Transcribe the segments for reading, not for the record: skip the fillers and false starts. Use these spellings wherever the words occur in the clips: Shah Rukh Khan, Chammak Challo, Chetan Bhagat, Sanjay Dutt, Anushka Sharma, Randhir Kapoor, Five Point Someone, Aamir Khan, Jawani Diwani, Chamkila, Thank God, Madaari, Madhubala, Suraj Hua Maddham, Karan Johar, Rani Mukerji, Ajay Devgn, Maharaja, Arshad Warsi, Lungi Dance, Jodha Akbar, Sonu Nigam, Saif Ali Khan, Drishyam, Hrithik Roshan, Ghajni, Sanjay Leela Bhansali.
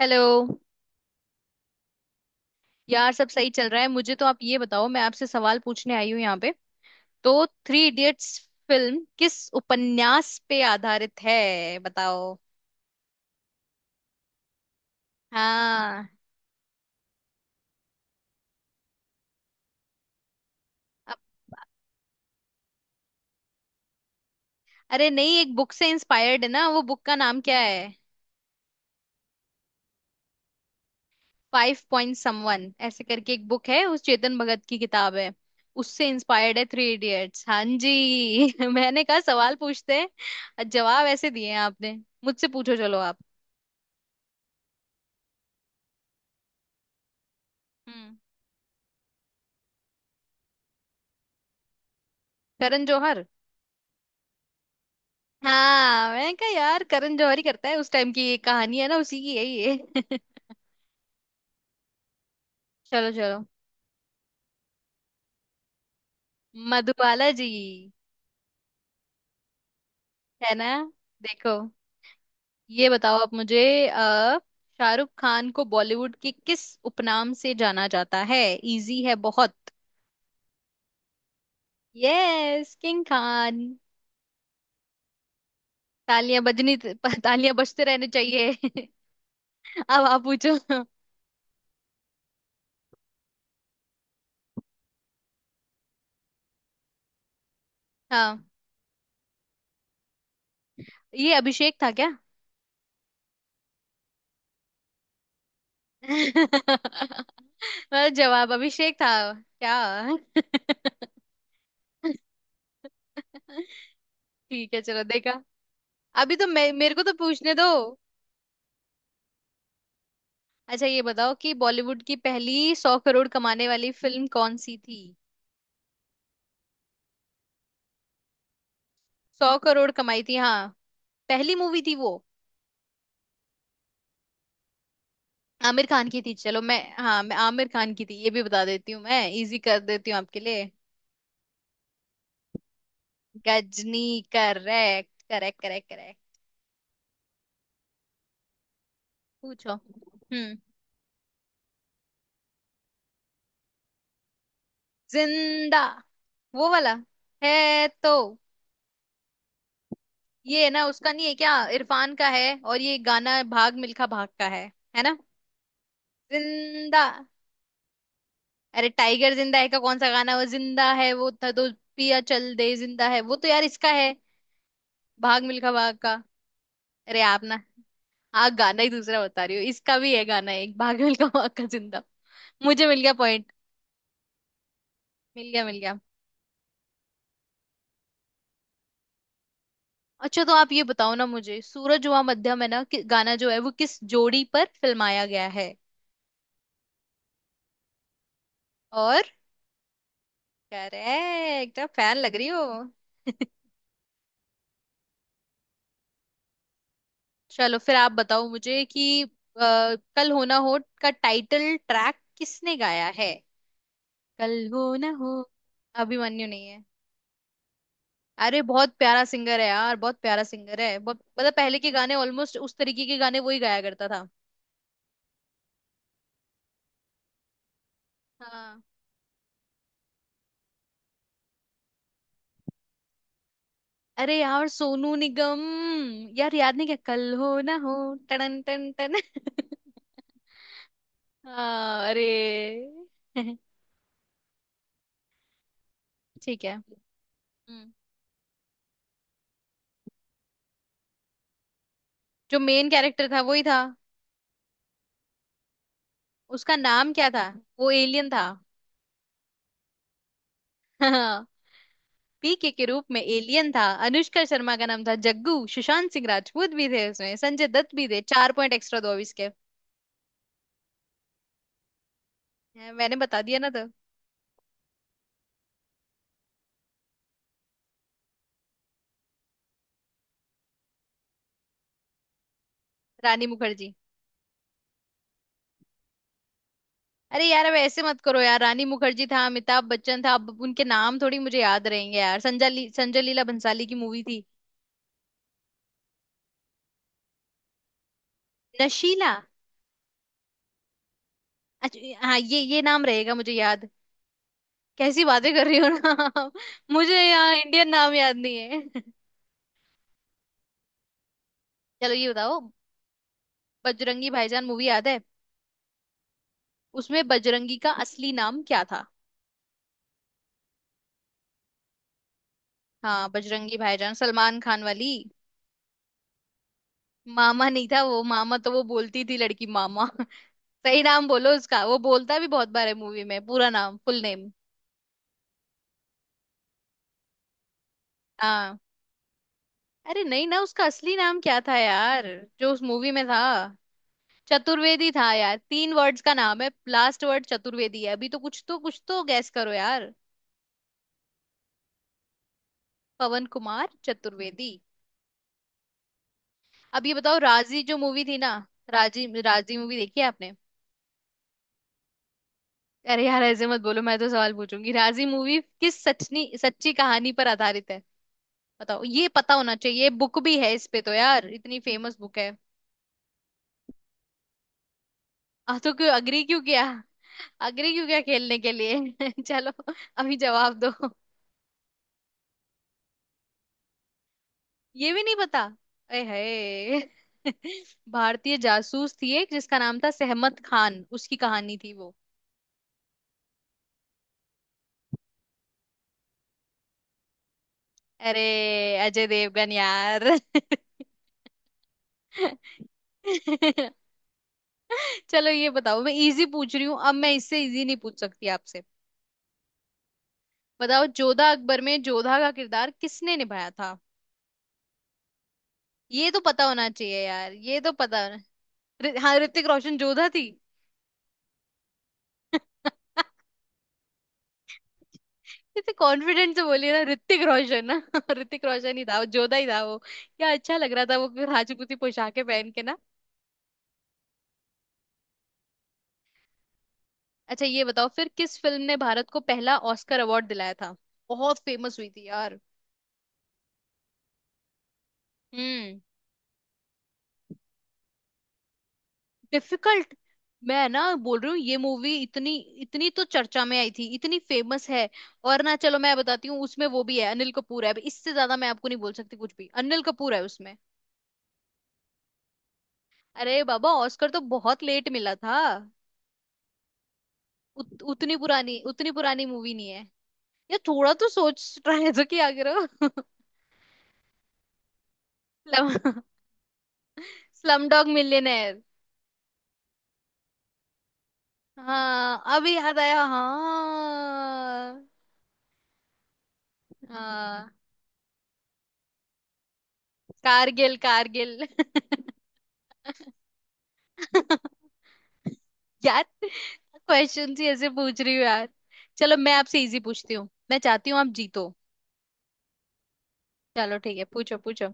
Hello. यार सब सही चल रहा है। मुझे तो आप ये बताओ, मैं आपसे सवाल पूछने आई हूँ यहाँ पे। तो थ्री इडियट्स फिल्म किस उपन्यास पे आधारित है बताओ। हाँ। अब- अरे नहीं, एक बुक से इंस्पायर्ड है ना, वो बुक का नाम क्या है? फाइव पॉइंट समवन ऐसे करके एक बुक है, उस चेतन भगत की किताब है। उससे इंस्पायर्ड है थ्री इडियट्स। हाँ जी। मैंने कहा सवाल पूछते हैं, जवाब ऐसे दिए हैं आपने। मुझसे पूछो चलो आप। हम्म। करण जौहर। हाँ मैंने कहा यार करण जौहर ही करता है, उस टाइम की ये कहानी है ना, उसी की है ये। चलो चलो। मधुबाला जी। है ना। देखो। ये बताओ आप मुझे। अ, शाहरुख खान को बॉलीवुड के किस उपनाम से जाना जाता है? इजी है बहुत। Yes, king Khan. तालियां बजनी। तालियां बजते रहने चाहिए। अब आप पूछो। हाँ, ये अभिषेक था क्या? मतलब जवाब अभिषेक था क्या? ठीक है चलो देखा। अभी तो मे मेरे को तो पूछने दो। अच्छा ये बताओ कि बॉलीवुड की पहली 100 करोड़ कमाने वाली फिल्म कौन सी थी? 100 करोड़ कमाई थी हाँ। पहली मूवी थी वो। आमिर खान की थी। चलो मैं, हाँ, मैं आमिर खान की थी ये भी बता देती हूँ, मैं इजी कर देती हूँ आपके लिए। Ghajini. Correct, correct, correct, correct. पूछो हम्म। जिंदा वो वाला है तो। ये है ना, उसका नहीं है क्या? इरफान का है, और ये गाना भाग मिल्खा भाग का है। है ना। जिंदा। अरे टाइगर जिंदा है का कौन सा गाना है? वो जिंदा है वो था तो पिया चल दे। जिंदा है वो तो यार इसका है, भाग मिल्खा भाग का। अरे आप ना, आप गाना ही दूसरा बता रही हो। इसका भी है गाना एक, भाग मिल्खा भाग का, जिंदा। मुझे मिल गया पॉइंट। मिल गया, मिल गया। अच्छा तो आप ये बताओ ना मुझे, सूरज हुआ मध्यम, है ना कि गाना, जो है वो किस जोड़ी पर फिल्माया गया है? और? करेक्ट। आप फैन लग रही हो। चलो फिर आप बताओ मुझे कि कल हो ना हो का टाइटल ट्रैक किसने गाया है? कल हो ना हो। अभिमन्यु नहीं है। अरे बहुत प्यारा सिंगर है यार, बहुत प्यारा सिंगर है। बहुत मतलब पहले के गाने ऑलमोस्ट उस तरीके के गाने वही गाया करता था। हाँ। अरे यार, सोनू निगम। यार याद नहीं क्या, कल हो ना हो। टन टन टन। हाँ अरे। ठीक है। हम्म। जो मेन कैरेक्टर था वही था। उसका नाम क्या था? वो एलियन था। हाँ, पीके के रूप में एलियन था। अनुष्का शर्मा का नाम था जग्गू। सुशांत सिंह राजपूत भी थे उसमें, संजय दत्त भी थे। चार पॉइंट एक्स्ट्रा दो अब इसके। मैंने बता दिया ना तो। रानी मुखर्जी। अरे यार अब ऐसे मत करो यार। रानी मुखर्जी था, अमिताभ बच्चन था, अब उनके नाम थोड़ी मुझे याद रहेंगे यार। संजय लीला भंसाली की मूवी थी। नशीला। अच्छा हाँ, ये नाम रहेगा मुझे याद। कैसी बातें कर रही हो ना आप? मुझे यहाँ इंडियन नाम याद नहीं है। चलो ये बताओ, बजरंगी भाईजान मूवी याद है? उसमें बजरंगी का असली नाम क्या था? हाँ, बजरंगी भाईजान, सलमान खान वाली। मामा नहीं था वो, मामा तो वो बोलती थी लड़की, मामा। सही नाम बोलो उसका। वो बोलता भी बहुत बार है मूवी में पूरा नाम, फुल नेम। हाँ। अरे नहीं ना, उसका असली नाम क्या था यार, जो उस मूवी में था? चतुर्वेदी था यार, तीन वर्ड्स का नाम है, लास्ट वर्ड चतुर्वेदी है। अभी तो कुछ तो कुछ तो गैस करो यार। पवन कुमार चतुर्वेदी। अब ये बताओ, राजी जो मूवी थी ना, राजी, राजी मूवी देखी है आपने? अरे यार ऐसे मत बोलो, मैं तो सवाल पूछूंगी। राजी मूवी किस सचनी सच्ची कहानी पर आधारित है बताओ? ये पता होना चाहिए, बुक भी है इस पे तो यार, इतनी फेमस बुक है। आ तो क्यों अग्री क्यों किया? अग्री क्यों किया खेलने के लिए? चलो अभी जवाब दो। ये भी नहीं पता? ए है। भारतीय जासूस थी एक, जिसका नाम था सहमत खान, उसकी कहानी थी वो। अरे अजय देवगन यार। चलो ये बताओ, मैं इजी पूछ रही हूँ, अब मैं इससे इजी नहीं पूछ सकती आपसे। बताओ जोधा अकबर में जोधा का किरदार किसने निभाया था? ये तो पता होना चाहिए यार, ये तो पता होना। हाँ ऋतिक रोशन जोधा थी। इतने कॉन्फिडेंट से बोलिए ना, ऋतिक रोशन ना। ऋतिक रोशन ही था वो, जोधा ही था वो, क्या अच्छा लग रहा था वो फिर राजपूती पोशाकें पहन के ना। अच्छा ये बताओ फिर, किस फिल्म ने भारत को पहला ऑस्कर अवार्ड दिलाया था? बहुत फेमस हुई थी यार। हम्म। डिफिकल्ट। मैं ना बोल रही हूँ, ये मूवी इतनी, इतनी तो चर्चा में आई थी, इतनी फेमस है। और ना चलो मैं बताती हूँ, उसमें वो भी है, अनिल कपूर है, अब इससे ज्यादा मैं आपको नहीं बोल सकती कुछ भी। अनिल कपूर है उसमें। अरे बाबा, ऑस्कर तो बहुत लेट मिला था। उतनी पुरानी, उतनी पुरानी मूवी नहीं है ये। थोड़ा तो सोच रहे तो क्या करो। Slum dog millionaire. हाँ, अभी याद आया। हाँ हाँ। कारगिल, कारगिल। यार क्वेश्चन ही ऐसे पूछ रही हूँ यार। चलो मैं आपसे इजी पूछती हूँ, मैं चाहती हूँ आप जीतो। चलो ठीक है, पूछो पूछो।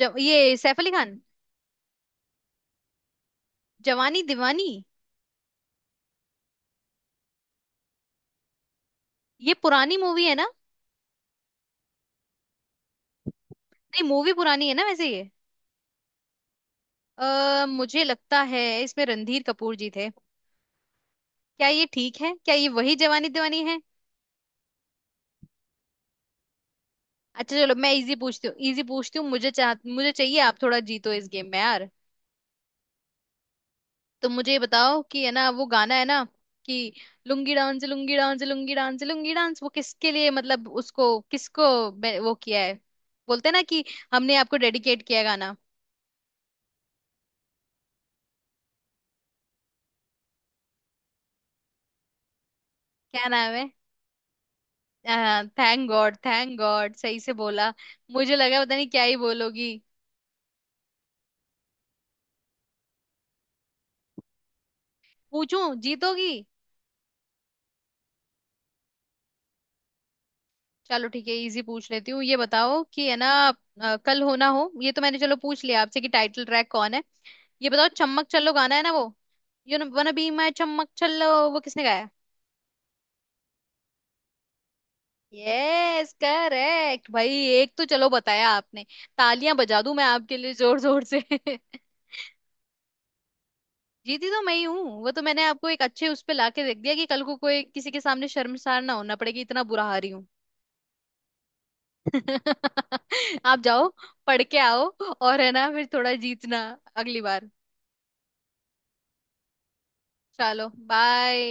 जब ये सैफ अली खान। जवानी दीवानी। ये पुरानी मूवी है ना। नहीं मूवी पुरानी है ना वैसे ये। आ, मुझे लगता है इसमें रणधीर कपूर जी थे। क्या ये ठीक है? क्या ये वही जवानी दीवानी है? अच्छा चलो मैं इजी पूछती हूँ, इजी पूछती हूँ, मुझे चाह, मुझे चाहिए आप थोड़ा जीतो इस गेम में यार। तो मुझे ये बताओ कि, है ना वो गाना है ना कि, lungi dance lungi dance lungi dance lungi dance, वो किसके लिए, मतलब उसको किसको वो किया है, बोलते हैं ना कि हमने आपको डेडिकेट किया है गाना। क्या नाम है? थैंक गॉड, थैंक गॉड सही से बोला। मुझे लगा पता नहीं क्या ही बोलोगी। पूछूं जीतोगी? चलो ठीक है इजी पूछ लेती हूँ। ये बताओ कि, है ना, कल हो ना हो ये तो मैंने, चलो पूछ लिया आपसे कि टाइटल ट्रैक कौन है। ये बताओ चम्मक चलो गाना है ना वो, you know wanna be my Chammak Challo, वो किसने गाया? यस करेक्ट भाई। एक तो चलो बताया आपने। तालियां बजा दूं मैं आपके लिए जोर जोर से। जीती तो मैं ही हूँ। वो तो मैंने आपको एक अच्छे उस पे लाके देख दिया कि कल को कोई किसी के सामने शर्मसार ना होना पड़ेगी इतना बुरा हारी हूँ। आप जाओ पढ़ के आओ, और है ना फिर थोड़ा जीतना अगली बार। चलो बाय।